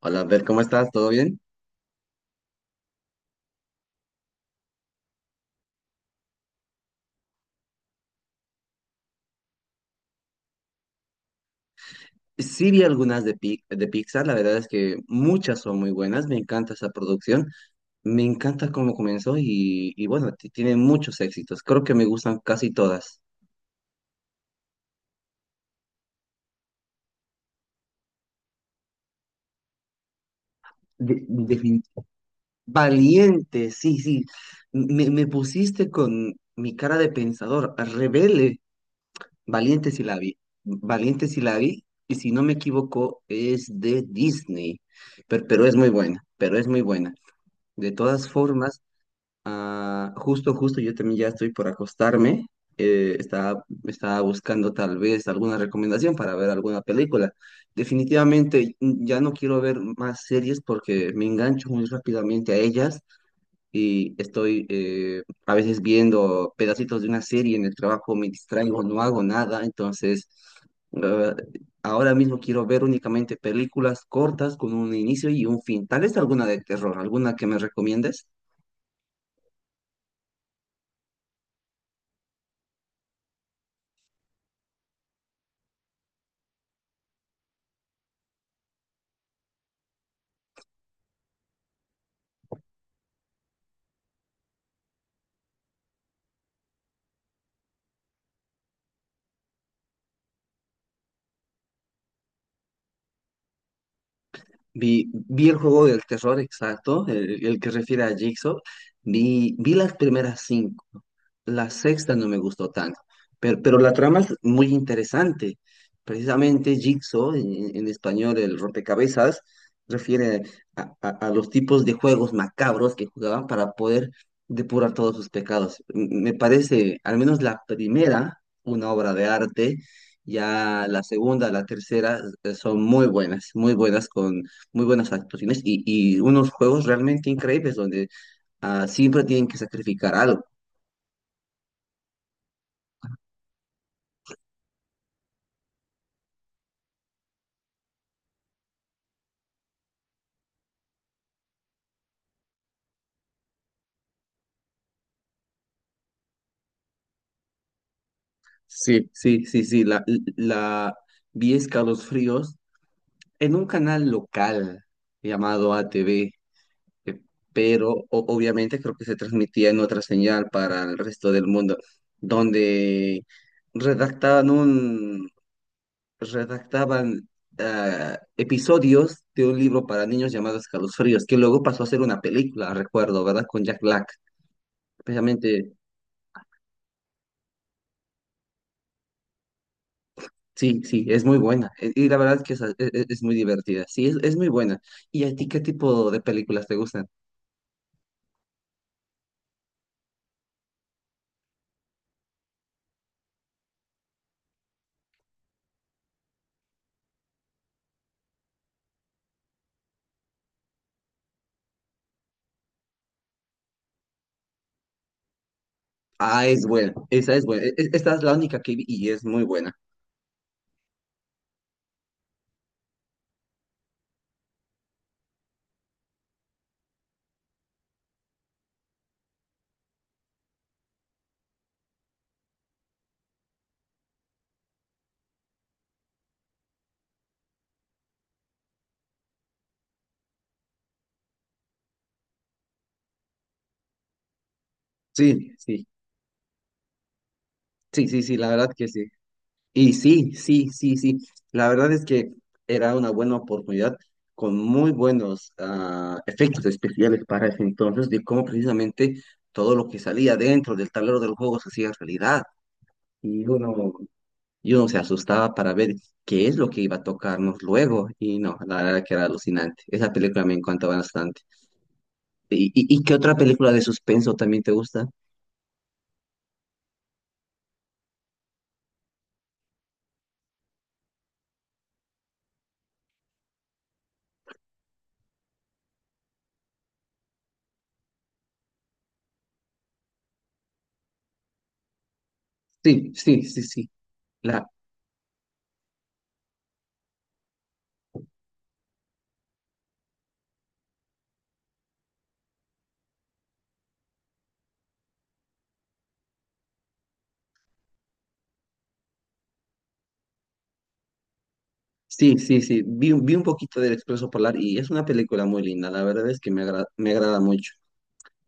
Hola, Bert, ¿cómo estás? ¿Todo bien? Sí vi algunas de, de Pixar, la verdad es que muchas son muy buenas, me encanta esa producción, me encanta cómo comenzó y bueno, tiene muchos éxitos, creo que me gustan casi todas. De- defin- Valiente, sí, sí, me pusiste con mi cara de pensador, rebelde, Valiente sí la vi, Valiente sí la vi, y si no me equivoco es de Disney, pero es muy buena, pero es muy buena. De todas formas. Ah, justo, justo, yo también ya estoy por acostarme. Estaba buscando tal vez alguna recomendación para ver alguna película. Definitivamente ya no quiero ver más series porque me engancho muy rápidamente a ellas y estoy a veces viendo pedacitos de una serie en el trabajo, me distraigo, no hago nada. Entonces, eh, ahora mismo quiero ver únicamente películas cortas con un inicio y un fin. Tal vez alguna de terror, alguna que me recomiendes. Vi el juego del terror exacto, el que refiere a Jigsaw. Vi las primeras 5. La sexta no me gustó tanto, pero la trama es muy interesante. Precisamente Jigsaw, en español el rompecabezas, refiere a, a los tipos de juegos macabros que jugaban para poder depurar todos sus pecados. Me parece, al menos la primera, una obra de arte. Ya la segunda, la tercera son muy buenas, muy buenas actuaciones y unos juegos realmente increíbles donde siempre tienen que sacrificar algo. Sí, sí, sí, sí. La vi Escalos Fríos en un canal local llamado ATV, eh, pero obviamente creo que se transmitía en otra señal para el resto del mundo, donde redactaban un, redactaban episodios de un libro para niños llamado Escalos Fríos, que luego pasó a ser una película, recuerdo, ¿verdad? Con Jack Black. Precisamente, sí, sí, es muy buena. Y la verdad es que es, es muy divertida. Sí, es muy buena. ¿Y a ti qué tipo de películas te gustan? Ah, es buena. Esa es buena. Esta es la única que vi y es muy buena. Sí, sí, sí, sí, sí, la verdad que sí. Y sí, sí, sí, sí. La verdad es que era una buena oportunidad con muy buenos efectos especiales para ese entonces de cómo precisamente todo lo que salía dentro del tablero del juego se hacía realidad. Y uno Y uno se asustaba para ver qué es lo que iba a tocarnos luego. Y no, la verdad que era alucinante. Esa película me encanta bastante. Y qué otra película de suspenso también te gusta? Sí, sí, sí, sí. La, sí, sí, sí. Vi un poquito del Expreso Polar y es una película muy linda. La verdad es que me agrada mucho.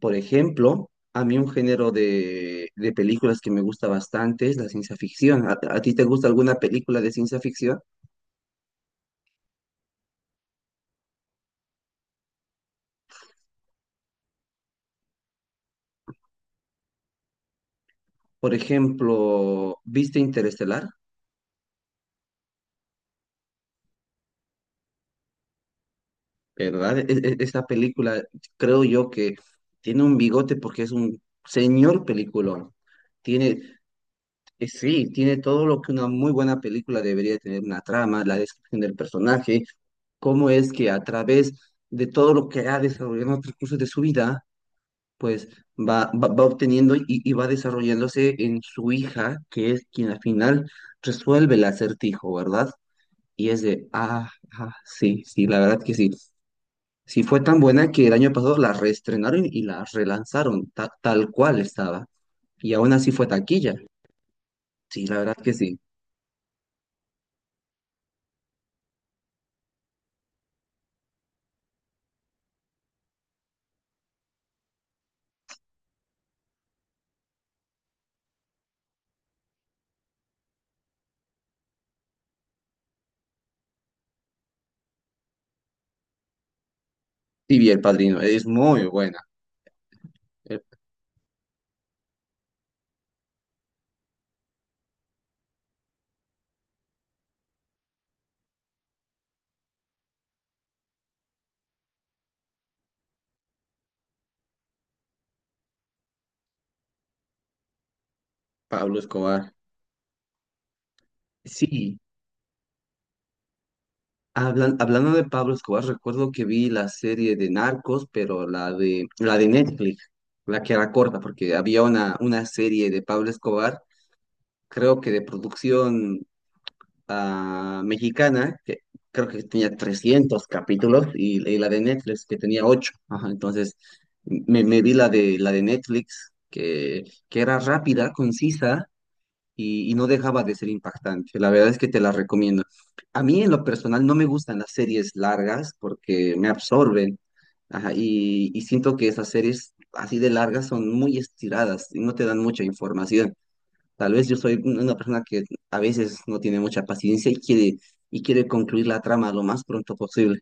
Por ejemplo, a mí un género de películas que me gusta bastante es la ciencia ficción. A ti te gusta alguna película de ciencia ficción? Por ejemplo, ¿viste Interestelar? ¿Verdad? Esta película, creo yo que tiene un bigote porque es un señor peliculón. Tiene, sí, tiene todo lo que una muy buena película debería tener, una trama, la descripción del personaje, cómo es que a través de todo lo que ha desarrollado en el transcurso de su vida, pues va obteniendo y va desarrollándose en su hija, que es quien al final resuelve el acertijo, ¿verdad? Y es de, sí, sí, la verdad que sí. Sí, fue tan buena que el año pasado la reestrenaron y la relanzaron tal cual estaba. Y aún así fue taquilla. Sí, la verdad que sí. Sí, vi El Padrino. Es muy buena. eh, Pablo Escobar. Sí, hablando de Pablo Escobar, recuerdo que vi la serie de Narcos, pero la de Netflix, la que era corta, porque había una serie de Pablo Escobar, creo que de producción mexicana, que creo que tenía 300 capítulos, y la de Netflix, que tenía 8. Ajá, entonces, me vi la de Netflix, que era rápida, concisa, y no dejaba de ser impactante. La verdad es que te la recomiendo. A mí, en lo personal, no me gustan las series largas porque me absorben. Ajá, y siento que esas series así de largas son muy estiradas y no te dan mucha información. Tal vez yo soy una persona que a veces no tiene mucha paciencia y quiere concluir la trama lo más pronto posible.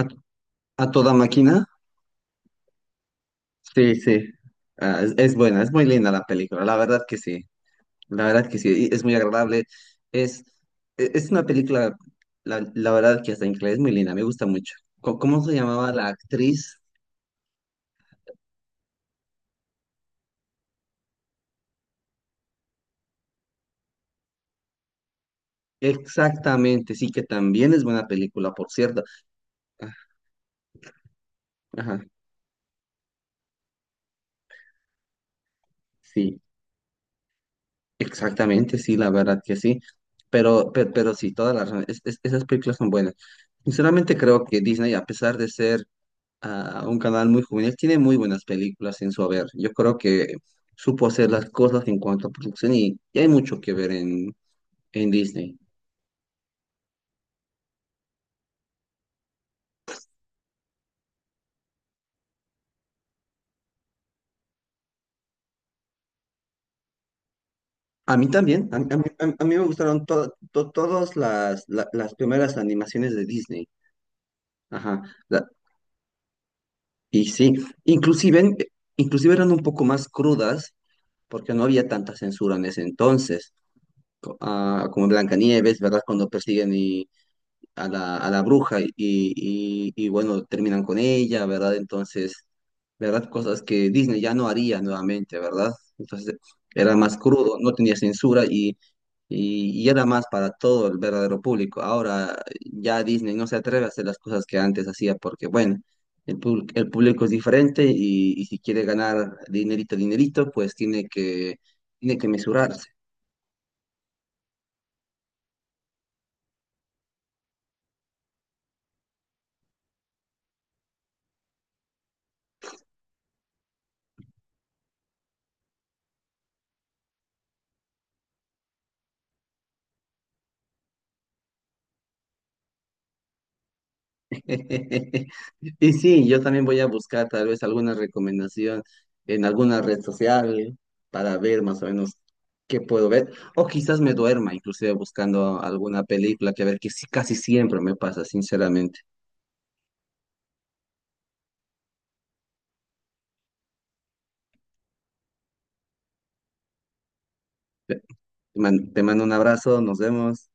¿A, a toda máquina? Sí, sí. Ah, es buena, es muy linda la película, la verdad que sí, la verdad que sí, y es muy agradable. Es, es una película, la verdad que hasta en inglés es muy linda, me gusta mucho. ¿Cómo se llamaba la actriz? Exactamente, sí, que también es buena película, por cierto. Ah, ajá, sí. Exactamente, sí, la verdad que sí, pero sí, toda la razón, esas películas son buenas. Sinceramente creo que Disney, a pesar de ser un canal muy juvenil, tiene muy buenas películas en su haber. Yo creo que supo hacer las cosas en cuanto a producción y hay mucho que ver en Disney. A mí también, a mí me gustaron todas las, las primeras animaciones de Disney. Ajá, la- y sí, inclusive, inclusive eran un poco más crudas porque no había tanta censura en ese entonces, como en Blancanieves, ¿verdad? Cuando persiguen y a la bruja y bueno, terminan con ella, ¿verdad? Entonces, ¿verdad? Cosas que Disney ya no haría nuevamente, ¿verdad? Entonces, era más crudo, no tenía censura y era más para todo el verdadero público. Ahora ya Disney no se atreve a hacer las cosas que antes hacía porque, bueno, el público es diferente y si quiere ganar dinerito, dinerito, pues tiene que mesurarse. Y sí, yo también voy a buscar tal vez alguna recomendación en alguna red social para ver más o menos qué puedo ver. O quizás me duerma, inclusive buscando alguna película que a ver, que sí, casi siempre me pasa, sinceramente. Te mando un abrazo, nos vemos.